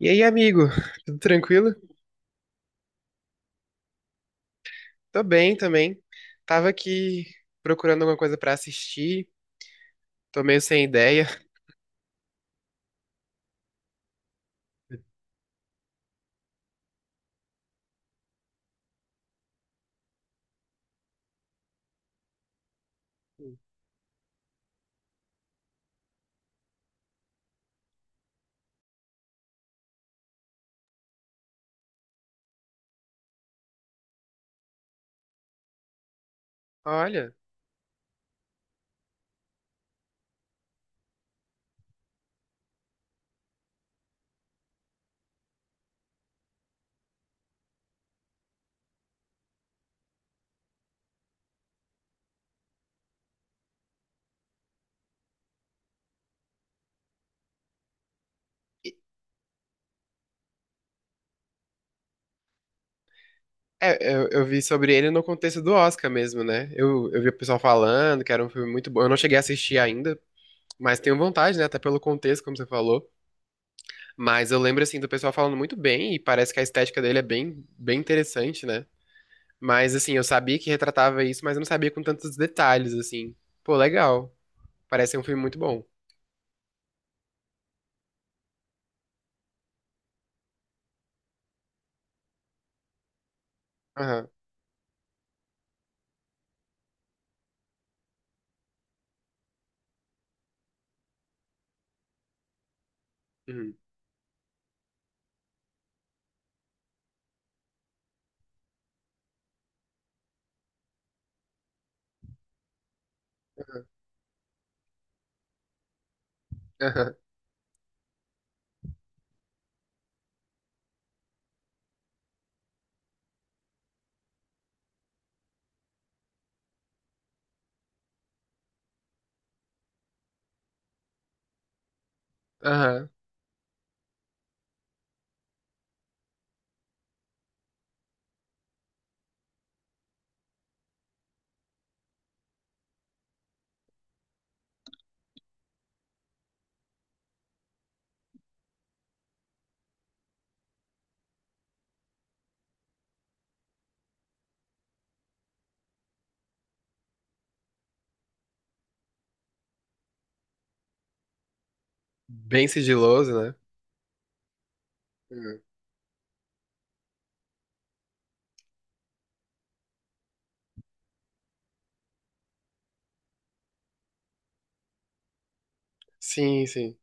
E aí, amigo? Tudo tranquilo? Tô bem também. Tava aqui procurando alguma coisa pra assistir, tô meio sem ideia. Olha, é, eu vi sobre ele no contexto do Oscar mesmo, né? Eu vi o pessoal falando que era um filme muito bom. Eu não cheguei a assistir ainda, mas tenho vontade, né? Até pelo contexto, como você falou. Mas eu lembro, assim, do pessoal falando muito bem e parece que a estética dele é bem interessante, né? Mas, assim, eu sabia que retratava isso, mas eu não sabia com tantos detalhes, assim. Pô, legal. Parece ser um filme muito bom. Aham. Uhum. Aham. Aham. Bem sigiloso, né? Uhum. Sim, sim.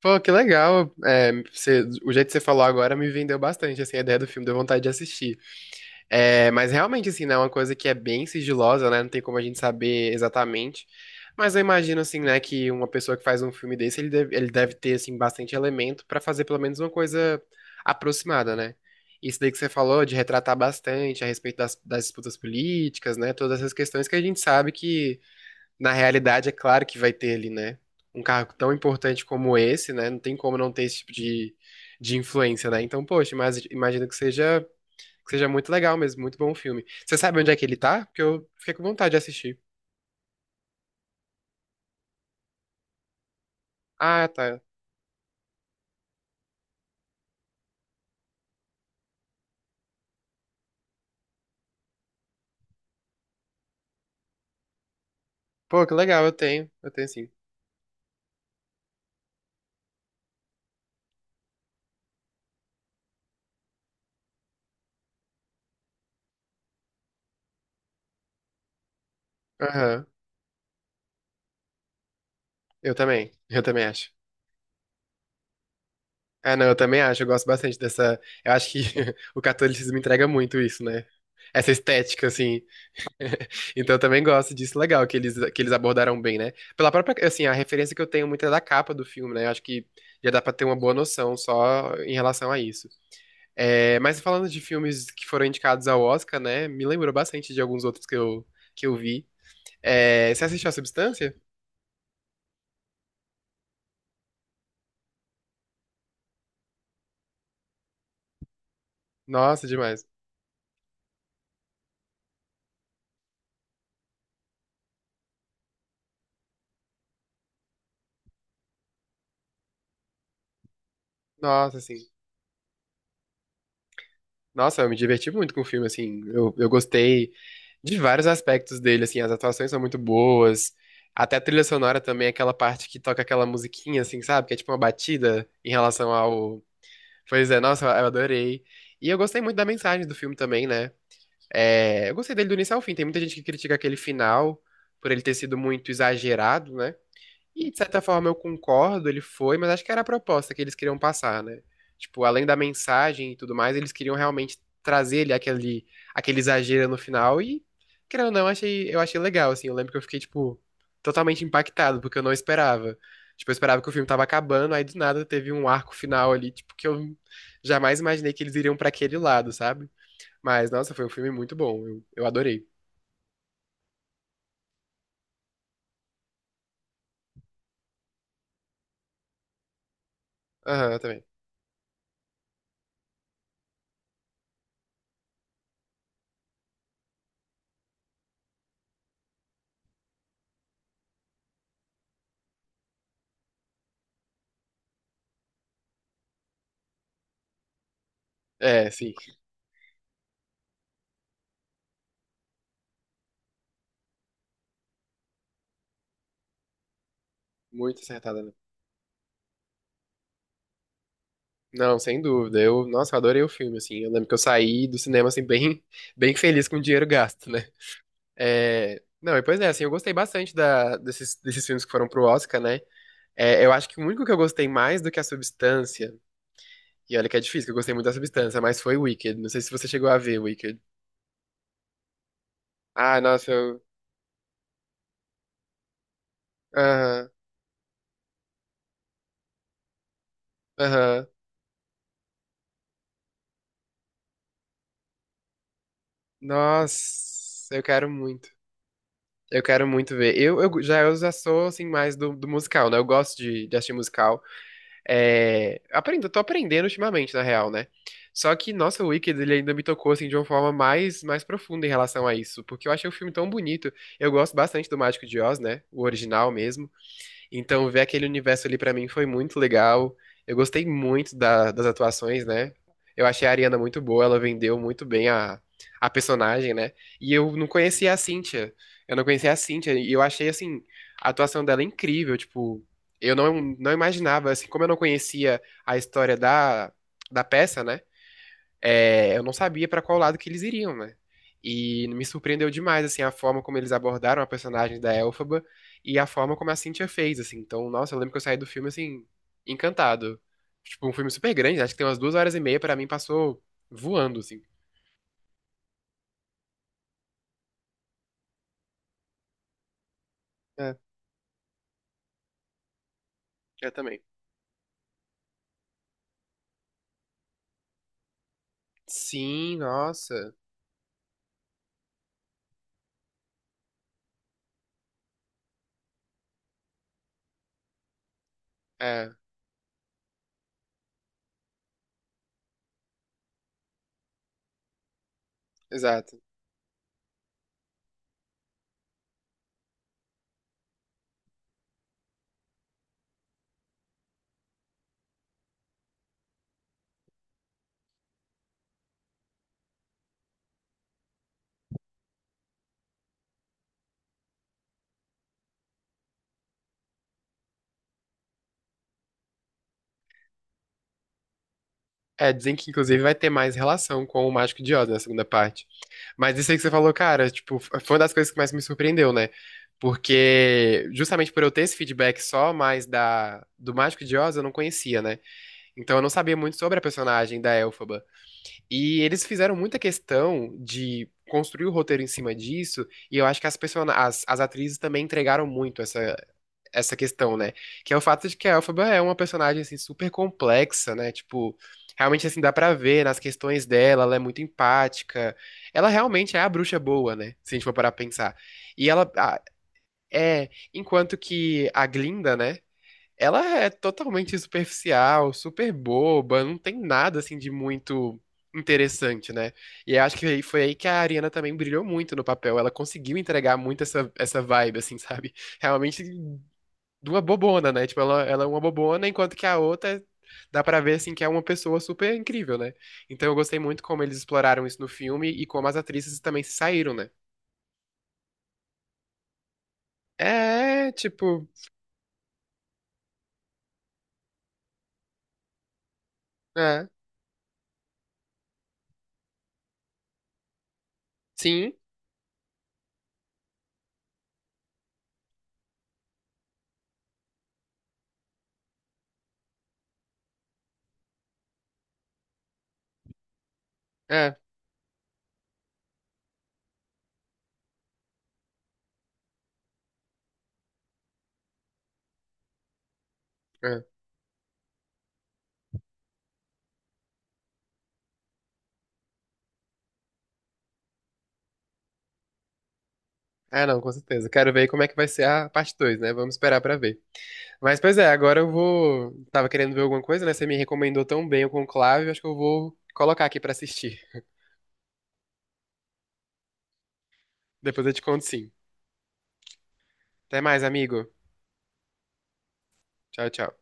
Pô, que legal. É, você- o jeito que você falou agora me vendeu bastante, assim, a ideia do filme, deu vontade de assistir. É, mas realmente, assim, né, é uma coisa que é bem sigilosa, né? Não tem como a gente saber exatamente. Mas eu imagino, assim, né, que uma pessoa que faz um filme desse, ele deve ter, assim, bastante elemento pra fazer pelo menos uma coisa aproximada, né? Isso daí que você falou, de retratar bastante a respeito das disputas políticas, né? Todas essas questões que a gente sabe que, na realidade, é claro que vai ter ali, né? Um cargo tão importante como esse, né? Não tem como não ter esse tipo de influência, né? Então, poxa, mas imagino que seja muito legal mesmo, muito bom o filme. Você sabe onde é que ele tá? Porque eu fiquei com vontade de assistir. Ah, tá. Pô, que legal, eu tenho. Eu tenho sim. Aham. Eu também. Eu também acho. Ah, não, eu também acho. Eu gosto bastante dessa. Eu acho que o catolicismo entrega muito isso, né? Essa estética, assim. Então eu também gosto disso. Legal que eles abordaram bem, né? Pela própria. Assim, a referência que eu tenho muito é da capa do filme, né? Eu acho que já dá pra ter uma boa noção só em relação a isso. É, mas falando de filmes que foram indicados ao Oscar, né? Me lembrou bastante de alguns outros que eu vi. É, você assistiu A Substância? Nossa, demais. Nossa, assim. Nossa, eu me diverti muito com o filme, assim. Eu gostei de vários aspectos dele, assim. As atuações são muito boas. Até a trilha sonora também, aquela parte que toca aquela musiquinha, assim, sabe? Que é tipo uma batida em relação ao. Pois é, nossa, eu adorei. E eu gostei muito da mensagem do filme também, né? É, eu gostei dele do início ao fim. Tem muita gente que critica aquele final por ele ter sido muito exagerado, né? E de certa forma eu concordo, ele foi, mas acho que era a proposta que eles queriam passar, né? Tipo, além da mensagem e tudo mais, eles queriam realmente trazer aquele exagero no final e, querendo ou não, eu achei legal, assim. Eu lembro que eu fiquei, tipo, totalmente impactado, porque eu não esperava. Tipo, eu esperava que o filme tava acabando, aí do nada teve um arco final ali, tipo, que eu jamais imaginei que eles iriam pra aquele lado, sabe? Mas, nossa, foi um filme muito bom. Eu adorei. Aham, eu também. É, sim. Muito acertada, né? Não, sem dúvida. Eu, nossa, eu adorei o filme, assim. Eu lembro que eu saí do cinema, assim, bem, bem feliz com o dinheiro gasto, né? É... Não, e pois é, assim, eu gostei bastante desses, desses filmes que foram pro Oscar, né? É, eu acho que o único que eu gostei mais do que a Substância, e olha que é difícil, que eu gostei muito da Substância, mas foi Wicked. Não sei se você chegou a ver Wicked. Ah, nossa, eu... Aham, aham. Nossa, eu quero muito. Eu quero muito ver. Eu já sou assim mais do, do musical, né? Eu gosto de assistir musical. É, aprendo, eu tô aprendendo ultimamente, na real, né? Só que, nossa, o Wicked, ele ainda me tocou assim de uma forma mais profunda em relação a isso, porque eu achei o filme tão bonito. Eu gosto bastante do Mágico de Oz, né? O original mesmo. Então, ver aquele universo ali pra mim foi muito legal. Eu gostei muito da- das atuações, né? Eu achei a Ariana muito boa, ela vendeu muito bem a personagem, né? E eu não conhecia a Cynthia. Eu não conhecia a Cynthia e eu achei, assim, a atuação dela incrível. Tipo, eu não imaginava, assim, como eu não conhecia a história da, da peça, né? É, eu não sabia pra qual lado que eles iriam, né? E me surpreendeu demais, assim, a forma como eles abordaram a personagem da Elphaba e a forma como a Cynthia fez, assim. Então, nossa, eu lembro que eu saí do filme, assim, encantado. Tipo, um filme super grande, acho que tem umas 2 horas e meia, pra mim passou voando, assim. É, eu também. Sim, nossa. É, exato. É, dizem que inclusive vai ter mais relação com o Mágico de Oz na segunda parte. Mas isso aí que você falou, cara, tipo, foi uma das coisas que mais me surpreendeu, né? Porque justamente por eu ter esse feedback só mais da do Mágico de Oz, eu não conhecia, né? Então eu não sabia muito sobre a personagem da Elphaba. E eles fizeram muita questão de construir o roteiro em cima disso, e eu acho que as atrizes também entregaram muito essa questão, né? Que é o fato de que a Elphaba é uma personagem assim super complexa, né? Tipo, realmente assim dá pra ver nas questões dela, ela é muito empática. Ela realmente é a bruxa boa, né? Se a gente for parar pra pensar. E ela ah, é, enquanto que a Glinda, né? Ela é totalmente superficial, super boba, não tem nada assim de muito interessante, né? E eu acho que aí- foi aí que a Ariana também brilhou muito no papel. Ela conseguiu entregar muito essa vibe, assim, sabe? Realmente duas bobona, né? Tipo, ela é uma bobona, enquanto que a outra dá pra ver assim que é uma pessoa super incrível, né? Então eu gostei muito como eles exploraram isso no filme e como as atrizes também se saíram, né? É, tipo, é, sim, é, é. Ah, não, com certeza. Quero ver como é que vai ser a parte 2, né? Vamos esperar pra ver. Mas, pois é, agora eu vou. Tava querendo ver alguma coisa, né? Você me recomendou tão bem o Conclave, acho que eu vou colocar aqui pra assistir. Depois eu te conto sim. Até mais, amigo. Tchau, tchau.